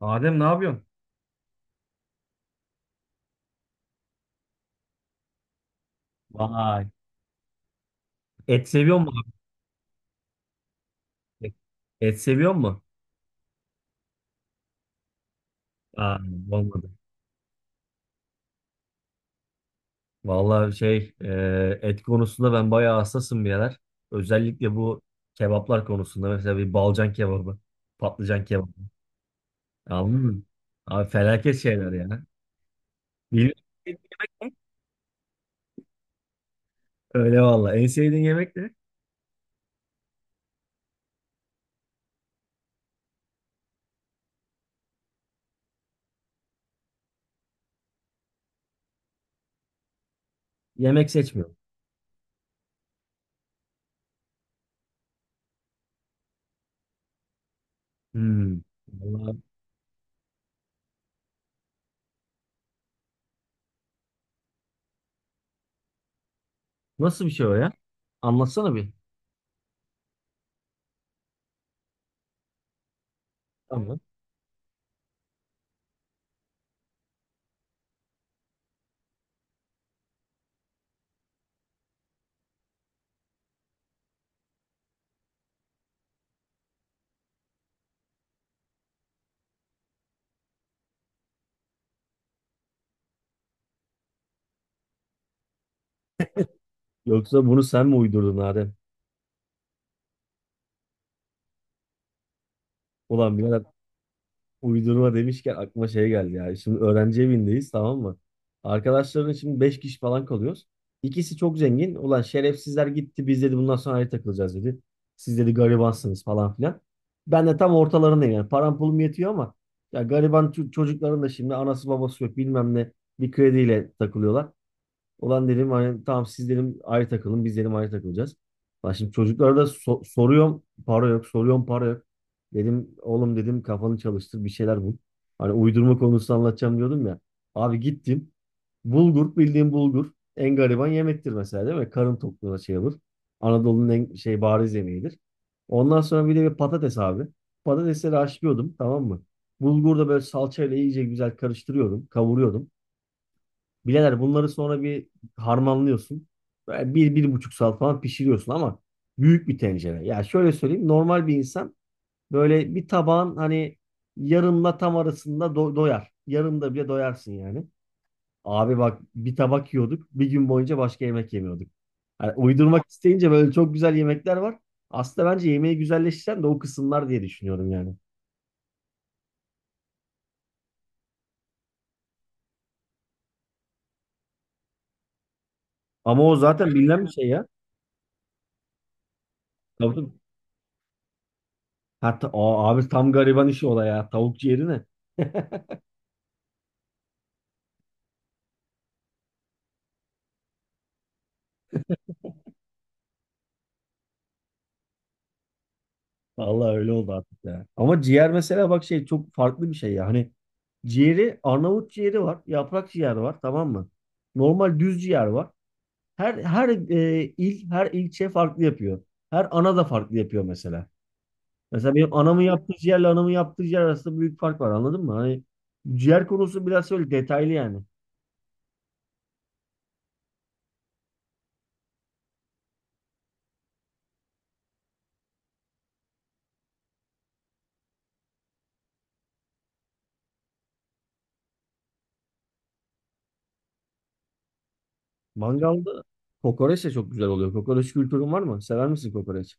Adem ne yapıyorsun? Vay. Et seviyor mu abi? Et seviyor mu? Aa, olmadı. Vallahi şey et konusunda ben bayağı hassasım bir yerler. Özellikle bu kebaplar konusunda mesela bir balcan kebabı, patlıcan kebabı. Anladın mı? Abi felaket şeyler ya. Bilmiyorum. Öyle valla. En sevdiğin yemek ne? Yemek seçmiyorum. Hmm. Vallahi nasıl bir şey o ya? Anlatsana bir. Tamam. Yoksa bunu sen mi uydurdun Adem? Ulan birader. Uydurma demişken aklıma şey geldi ya. Şimdi öğrenci evindeyiz, tamam mı? Arkadaşların şimdi 5 kişi falan kalıyoruz. İkisi çok zengin. Ulan şerefsizler gitti, biz dedi bundan sonra ayrı takılacağız dedi. Siz dedi garibansınız falan filan. Ben de tam ortalarındayım yani. Param pulum yetiyor ama ya gariban çocukların da şimdi anası babası yok bilmem ne, bir krediyle takılıyorlar. Ulan dedim hani tamam siz dedim ayrı takılın, biz dedim ayrı takılacağız. Lan şimdi çocuklara da soruyorum para yok, soruyorum para yok. Dedim oğlum dedim kafanı çalıştır bir şeyler bul. Hani uydurma konusu anlatacağım diyordum ya. Abi gittim, bulgur, bildiğim bulgur, en gariban yemektir mesela değil mi? Karın tokluğuna şey olur. Anadolu'nun en şey bariz yemeğidir. Ondan sonra bir de bir patates abi. Patatesleri haşlıyordum, tamam mı? Bulgur da böyle salçayla iyice güzel karıştırıyordum, kavuruyordum. Bileler bunları sonra bir harmanlıyorsun. Böyle bir buçuk saat falan pişiriyorsun ama büyük bir tencere. Ya şöyle söyleyeyim, normal bir insan böyle bir tabağın hani yarımla tam arasında doyar. Yarımda bile doyarsın yani. Abi bak bir tabak yiyorduk, bir gün boyunca başka yemek yemiyorduk. Yani uydurmak isteyince böyle çok güzel yemekler var. Aslında bence yemeği güzelleştiren de o kısımlar diye düşünüyorum yani. Ama o zaten bilinen bir şey ya. Tabii. Tabii. Hatta, aa, abi tam gariban işi o da ya. Tavuk ciğeri ne? Vallahi öyle oldu artık ya. Ama ciğer mesela bak şey çok farklı bir şey ya. Hani ciğeri, Arnavut ciğeri var, yaprak ciğer var, tamam mı? Normal düz ciğer var. Her il her ilçe farklı yapıyor. Her ana da farklı yapıyor mesela. Mesela benim anamın yaptığı ciğerle anamın yaptığı ciğer arasında büyük fark var, anladın mı? Hani ciğer konusu biraz öyle detaylı yani. Mangalda kokoreç de çok güzel oluyor. Kokoreç kültürün var mı? Sever misin kokoreç?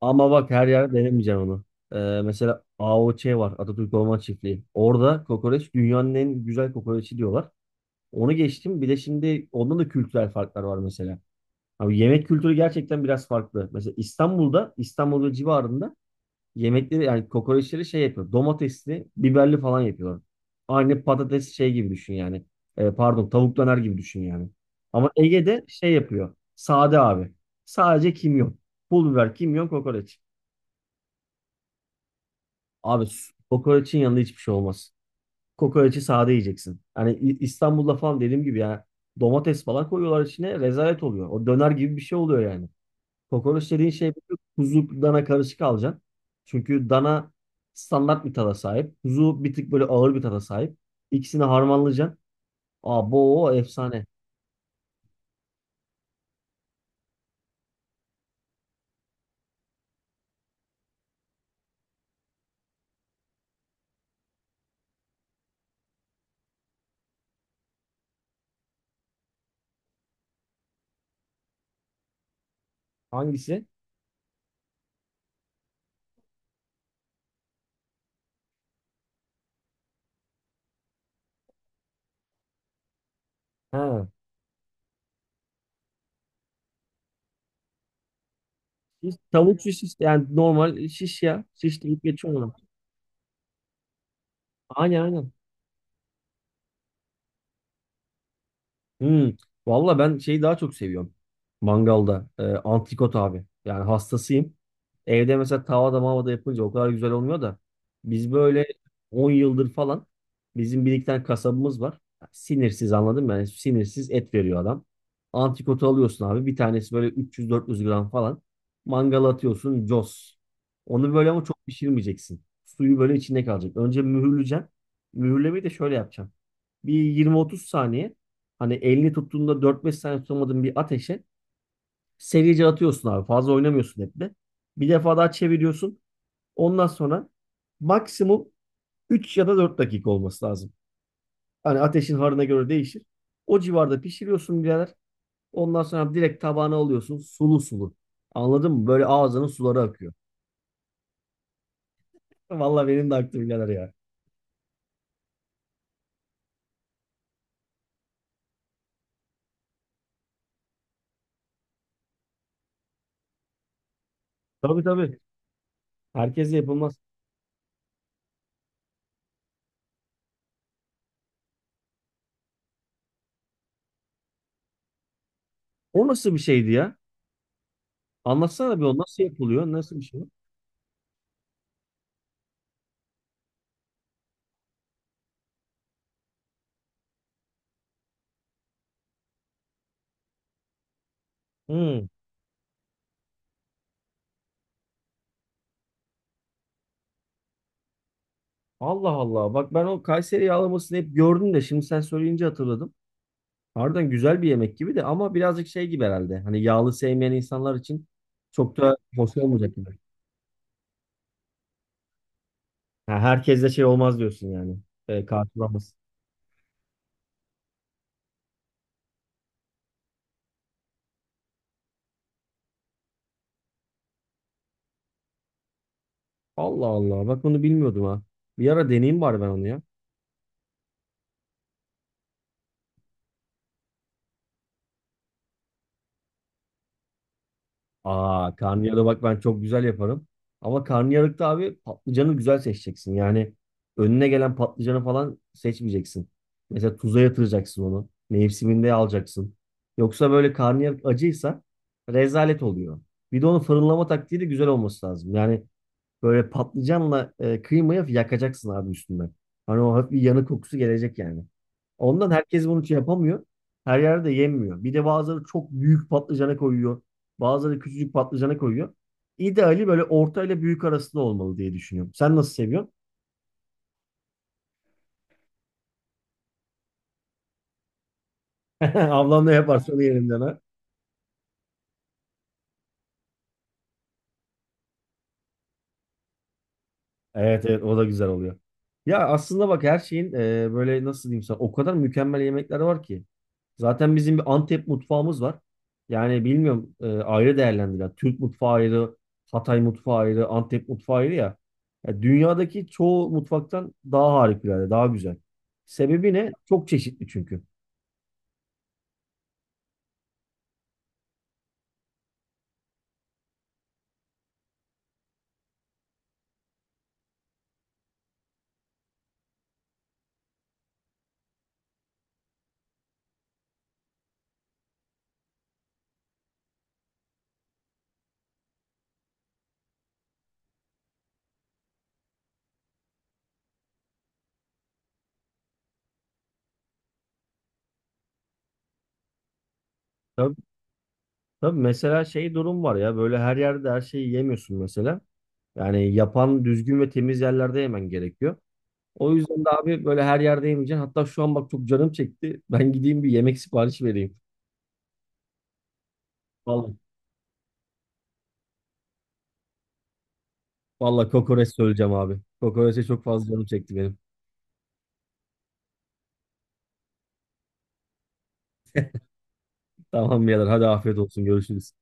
Ama bak her yerde denemeyeceğim onu. Ee, mesela AOÇ var. Atatürk Orman Çiftliği. Orada kokoreç dünyanın en güzel kokoreçi diyorlar. Onu geçtim. Bir de şimdi ondan da kültürel farklar var mesela. Abi yemek kültürü gerçekten biraz farklı. Mesela İstanbul'da, İstanbul ve civarında yemekleri yani kokoreçleri şey yapıyor. Domatesli, biberli falan yapıyorlar. Aynı patates şey gibi düşün yani. Pardon, tavuk döner gibi düşün yani. Ama Ege'de şey yapıyor. Sade abi. Sadece kimyon. Pul biber, kimyon, kokoreç. Abi kokoreçin yanında hiçbir şey olmaz. Kokoreçi sade yiyeceksin. Hani İstanbul'da falan dediğim gibi ya, domates falan koyuyorlar içine, rezalet oluyor. O döner gibi bir şey oluyor yani. Kokoreç dediğin şey böyle kuzu dana karışık alacaksın. Çünkü dana standart bir tada sahip. Kuzu bir tık böyle ağır bir tada sahip. İkisini harmanlayacaksın. Aa bu efsane. Hangisi? Ha. Şiş, tavuk şiş işte. Yani normal şiş ya. Şiş deyip geçiyorum. Aynen aynen. Hmm. Valla ben şeyi daha çok seviyorum. Mangalda. Antrikot abi. Yani hastasıyım. Evde mesela tavada mavada yapınca o kadar güzel olmuyor da. Biz böyle 10 yıldır falan bizim bir iki tane kasabımız var. Sinirsiz anladın mı? Yani sinirsiz et veriyor adam. Antrikotu alıyorsun abi. Bir tanesi böyle 300-400 gram falan. Mangala atıyorsun. Cos. Onu böyle ama çok pişirmeyeceksin. Suyu böyle içinde kalacak. Önce mühürleyeceksin. Mühürlemeyi de şöyle yapacağım. Bir 20-30 saniye. Hani elini tuttuğunda dört beş saniye tutamadığın bir ateşe serice atıyorsun abi. Fazla oynamıyorsun hep de. Bir defa daha çeviriyorsun. Ondan sonra maksimum 3 ya da 4 dakika olması lazım. Hani ateşin harına göre değişir. O civarda pişiriyorsun birader. Ondan sonra direkt tabağına alıyorsun. Sulu sulu. Anladın mı? Böyle ağzının suları akıyor. Vallahi benim de aktı birader ya. Tabii tabii. Herkese yapılmaz. O nasıl bir şeydi ya? Anlatsana bir, o nasıl yapılıyor? Nasıl bir şey? Hı. Allah Allah. Bak ben o Kayseri yağlamasını hep gördüm de şimdi sen söyleyince hatırladım. Harbiden güzel bir yemek gibi de ama birazcık şey gibi herhalde. Hani yağlı sevmeyen insanlar için çok da hoş olmayacak gibi. Ha, herkes de şey olmaz diyorsun yani. Karşılamaz. Allah Allah. Bak bunu bilmiyordum ha. Bir ara deneyeyim bari ben onu ya. Aa karnıyarı bak ben çok güzel yaparım. Ama karnıyarıkta abi patlıcanı güzel seçeceksin. Yani önüne gelen patlıcanı falan seçmeyeceksin. Mesela tuza yatıracaksın onu. Mevsiminde alacaksın. Yoksa böyle karnıyarık acıysa rezalet oluyor. Bir de onun fırınlama taktiği de güzel olması lazım. Yani böyle patlıcanla kıymayı hafif yakacaksın abi üstünden. Hani o hafif bir yanık kokusu gelecek yani. Ondan herkes bunu şey yapamıyor. Her yerde yenmiyor. Bir de bazıları çok büyük patlıcana koyuyor. Bazıları küçücük patlıcana koyuyor. İdeali böyle orta ile büyük arasında olmalı diye düşünüyorum. Sen nasıl seviyorsun? Ablam ne yaparsa onu yerinden. Evet evet o da güzel oluyor. Ya aslında bak her şeyin böyle nasıl diyeyim sana, o kadar mükemmel yemekler var ki. Zaten bizim bir Antep mutfağımız var. Yani bilmiyorum ayrı değerlendirilen. Türk mutfağı ayrı, Hatay mutfağı ayrı, Antep mutfağı ayrı ya. Ya dünyadaki çoğu mutfaktan daha harikulade, daha güzel. Sebebi ne? Çok çeşitli çünkü. Tabii, tabii mesela şey durum var ya, böyle her yerde her şeyi yemiyorsun mesela. Yani yapan düzgün ve temiz yerlerde yemen gerekiyor. O yüzden de abi böyle her yerde yemeyeceksin. Hatta şu an bak çok canım çekti. Ben gideyim bir yemek siparişi vereyim. Vallahi, vallahi kokoreç söyleyeceğim abi. Kokoreçe çok fazla canım çekti benim. Tamam birader, hadi afiyet olsun, görüşürüz.